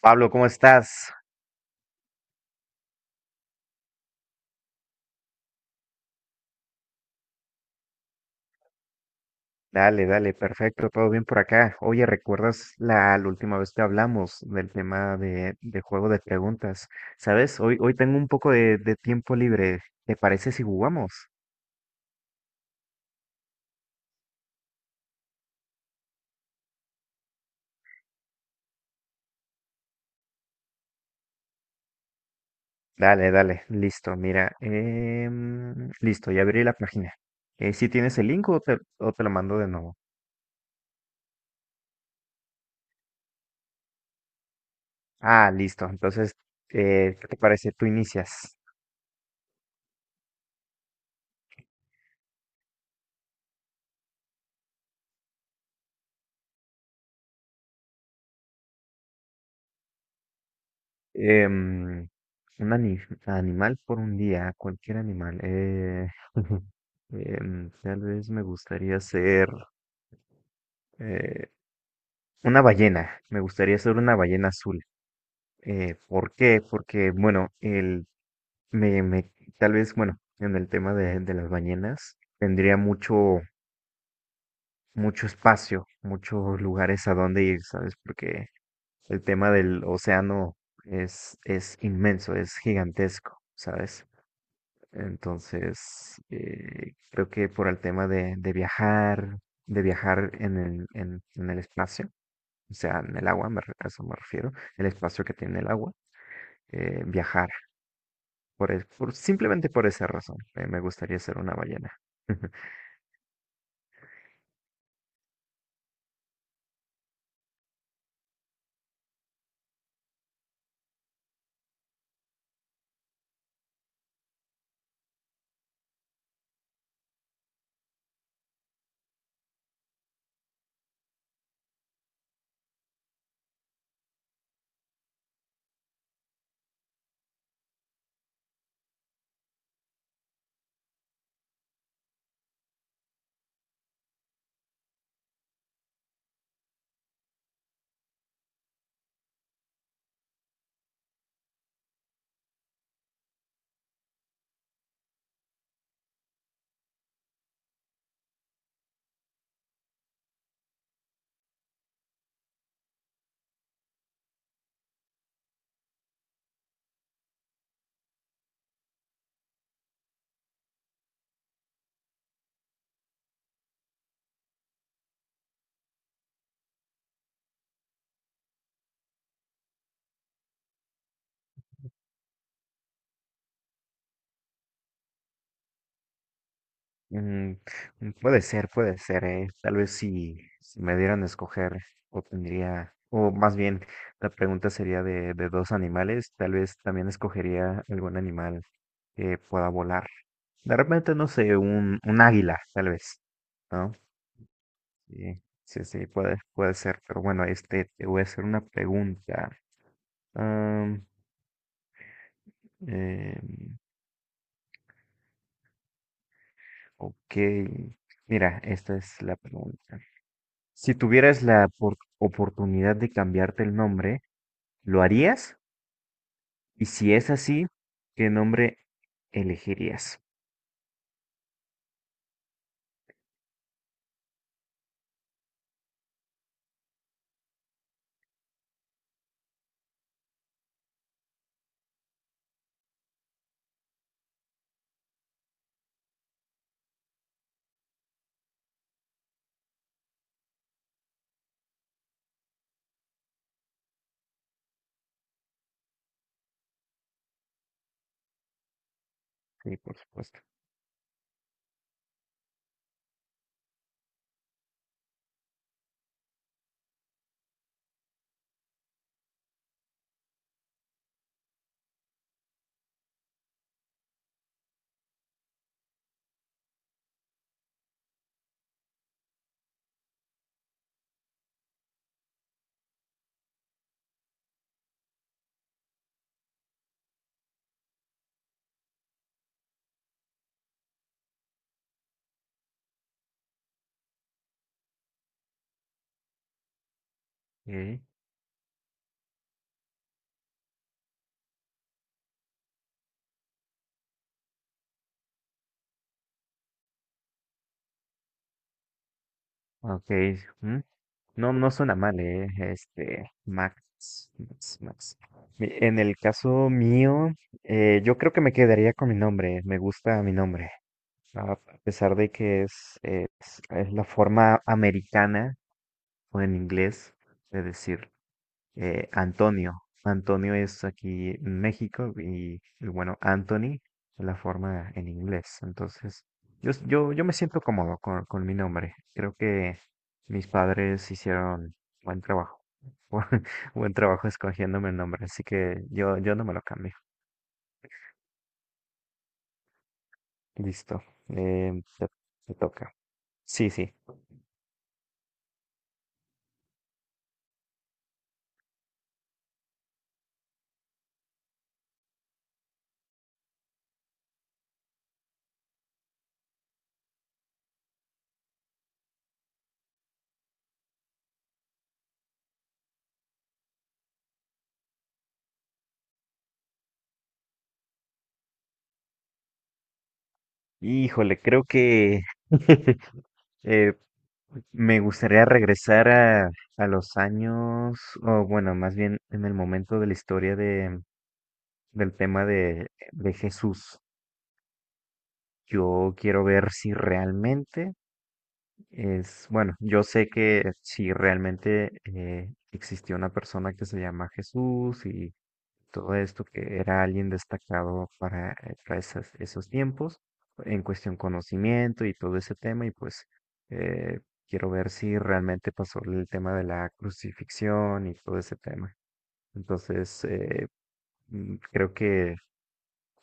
Pablo, ¿cómo estás? Dale, dale, perfecto, todo bien por acá. Oye, ¿recuerdas la última vez que hablamos del tema de juego de preguntas? ¿Sabes? Hoy tengo un poco de tiempo libre. ¿Te parece si jugamos? Dale, dale, listo, mira. Listo, ya abrí la página. ¿Si tienes el link o te lo mando de nuevo? Ah, listo, entonces, ¿qué te parece? Tú inicias. Em, un ani- Animal por un día, cualquier animal. Tal vez me gustaría ser eh, una ballena. Me gustaría ser una ballena azul. ¿Por qué? Porque, bueno, me, me- tal vez, bueno, en el tema de las ballenas, tendría mucho, mucho espacio, muchos lugares a donde ir, ¿sabes? Porque el tema del océano es inmenso, es gigantesco, ¿sabes? Entonces, creo que por el tema de viajar en el espacio, o sea, en el agua, a eso me refiero, el espacio que tiene el agua, viajar, simplemente por esa razón, me gustaría ser una ballena. Mm, mm, puede ser, eh. Tal vez si me dieran a escoger, obtendría, o más bien, la pregunta sería de dos animales, tal vez también escogería algún animal que pueda volar. De repente, no sé, un águila, tal vez, ¿no? Sí, sí, sí, puede, puede ser, pero bueno, este, te voy a hacer una pregunta. Am, em, ok, mira, esta es la pregunta. Si tuvieras la oportunidad de cambiarte el nombre, ¿lo harías? Y si es así, ¿qué nombre elegirías? Sí, por supuesto. Okay, ok, mm, no, no suena mal, eh. Este, Max, Max, Max. En el caso mío, yo creo que me quedaría con mi nombre. Me gusta mi nombre. A pesar de que es es la forma americana o en inglés de decir. Antonio. Antonio es aquí en México y bueno, Anthony es la forma en inglés. Entonces, yo me siento cómodo con mi nombre. Creo que mis padres hicieron buen trabajo. Buen, buen trabajo escogiéndome el nombre. Así que yo no me lo cambio. Listo. Eh, te, Te toca. Sí, sí. Híjole, creo que Eh, me gustaría regresar a los años, o bueno, más bien en el momento de la historia de, del tema de Jesús. Yo quiero ver si realmente es, bueno, yo sé que si realmente existió una persona que se llama Jesús y todo esto, que era alguien destacado para esos tiempos, en cuestión conocimiento y todo ese tema, y pues eh, quiero ver si realmente pasó el tema de la crucifixión y todo ese tema. Entonces, creo que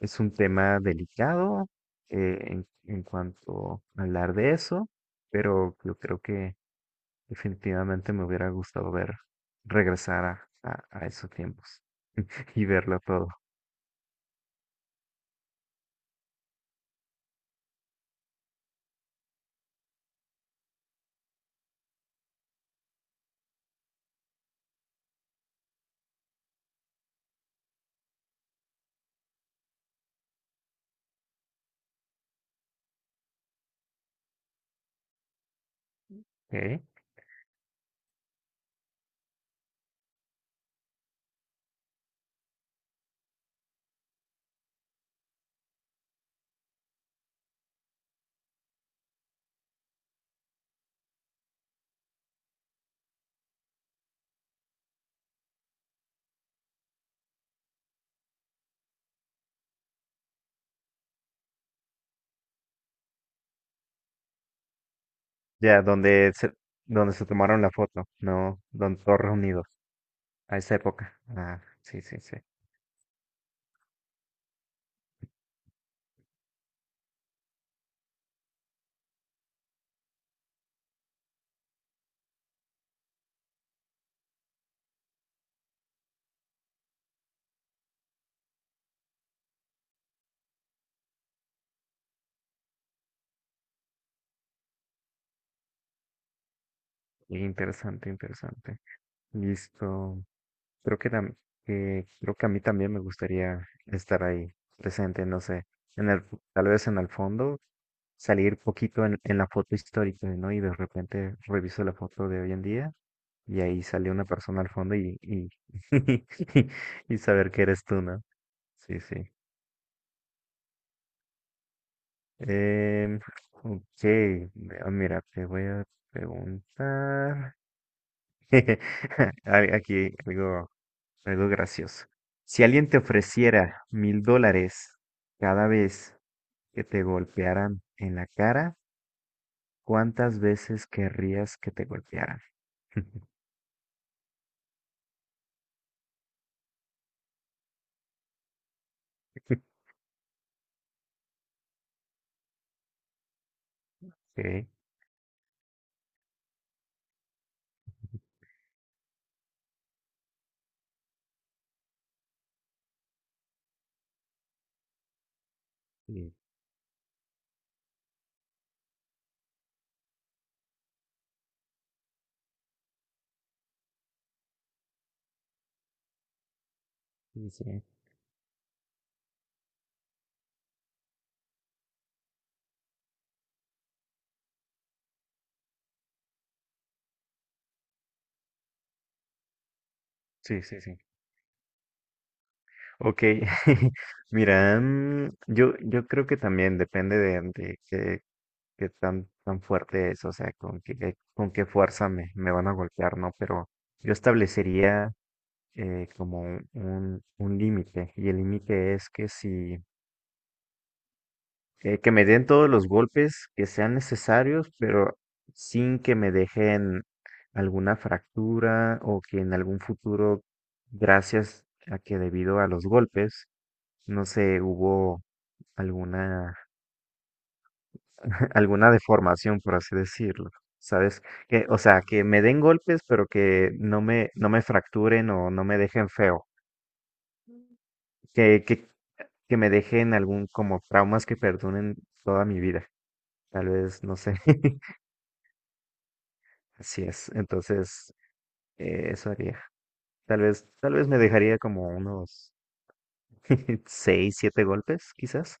es un tema delicado en cuanto a hablar de eso, pero yo creo que definitivamente me hubiera gustado ver, regresar a, a esos tiempos y verlo todo. ¿Ok? Ya, donde se tomaron la foto, ¿no? Donde todos reunidos, a esa época. Ah, sí, sí, sí. Interesante, interesante. Listo. Creo que, tam- que creo que a mí también me gustaría estar ahí presente, no sé, en el, tal vez en el fondo, salir poquito en la foto histórica, ¿no? Y de repente reviso la foto de hoy en día y ahí sale una persona al fondo y saber que eres tú, ¿no? Sí, sí. Em, ok, Mira, te voy a preguntar. Hay Aquí, digo algo gracioso. Si alguien te ofreciera $1,000 cada vez que te golpearan en la cara, ¿cuántas veces querrías que te golpearan? Sí, sí, sí, sí. Sí, sí, sí. Ok, mira, mm, yo creo que también depende de qué, qué tan, tan fuerte es, o sea, con qué fuerza me, me van a golpear, ¿no? Pero yo establecería como límite. Y el límite es que si, que me den todos los golpes que sean necesarios, pero sin que me dejen alguna fractura o que en algún futuro, gracias a que debido a los golpes, no sé, hubo alguna, alguna deformación, por así decirlo. ¿Sabes? Que, o sea, que me den golpes, pero que no me fracturen o no me dejen feo. ¿Qué, que me dejen algún como traumas que perduren toda mi vida. Tal vez, no sé. Así es. Entonces, eso haría. Tal vez me dejaría como unos 6, 7 golpes, quizás.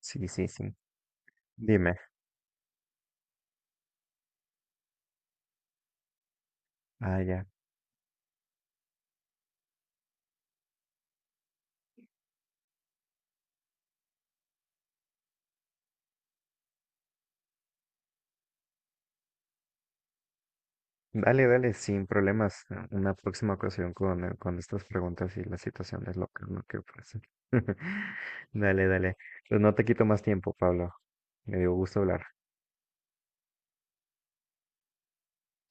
Sí, sí, sí. Dime. Ah, ya. Dale, dale, sin problemas. Ah, una próxima ocasión con estas preguntas y las situaciones locas, ¿no? Que ofrecen. Dale, dale. Pues no te quito más tiempo, Pablo. Me dio gusto hablar.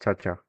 Chao, chao.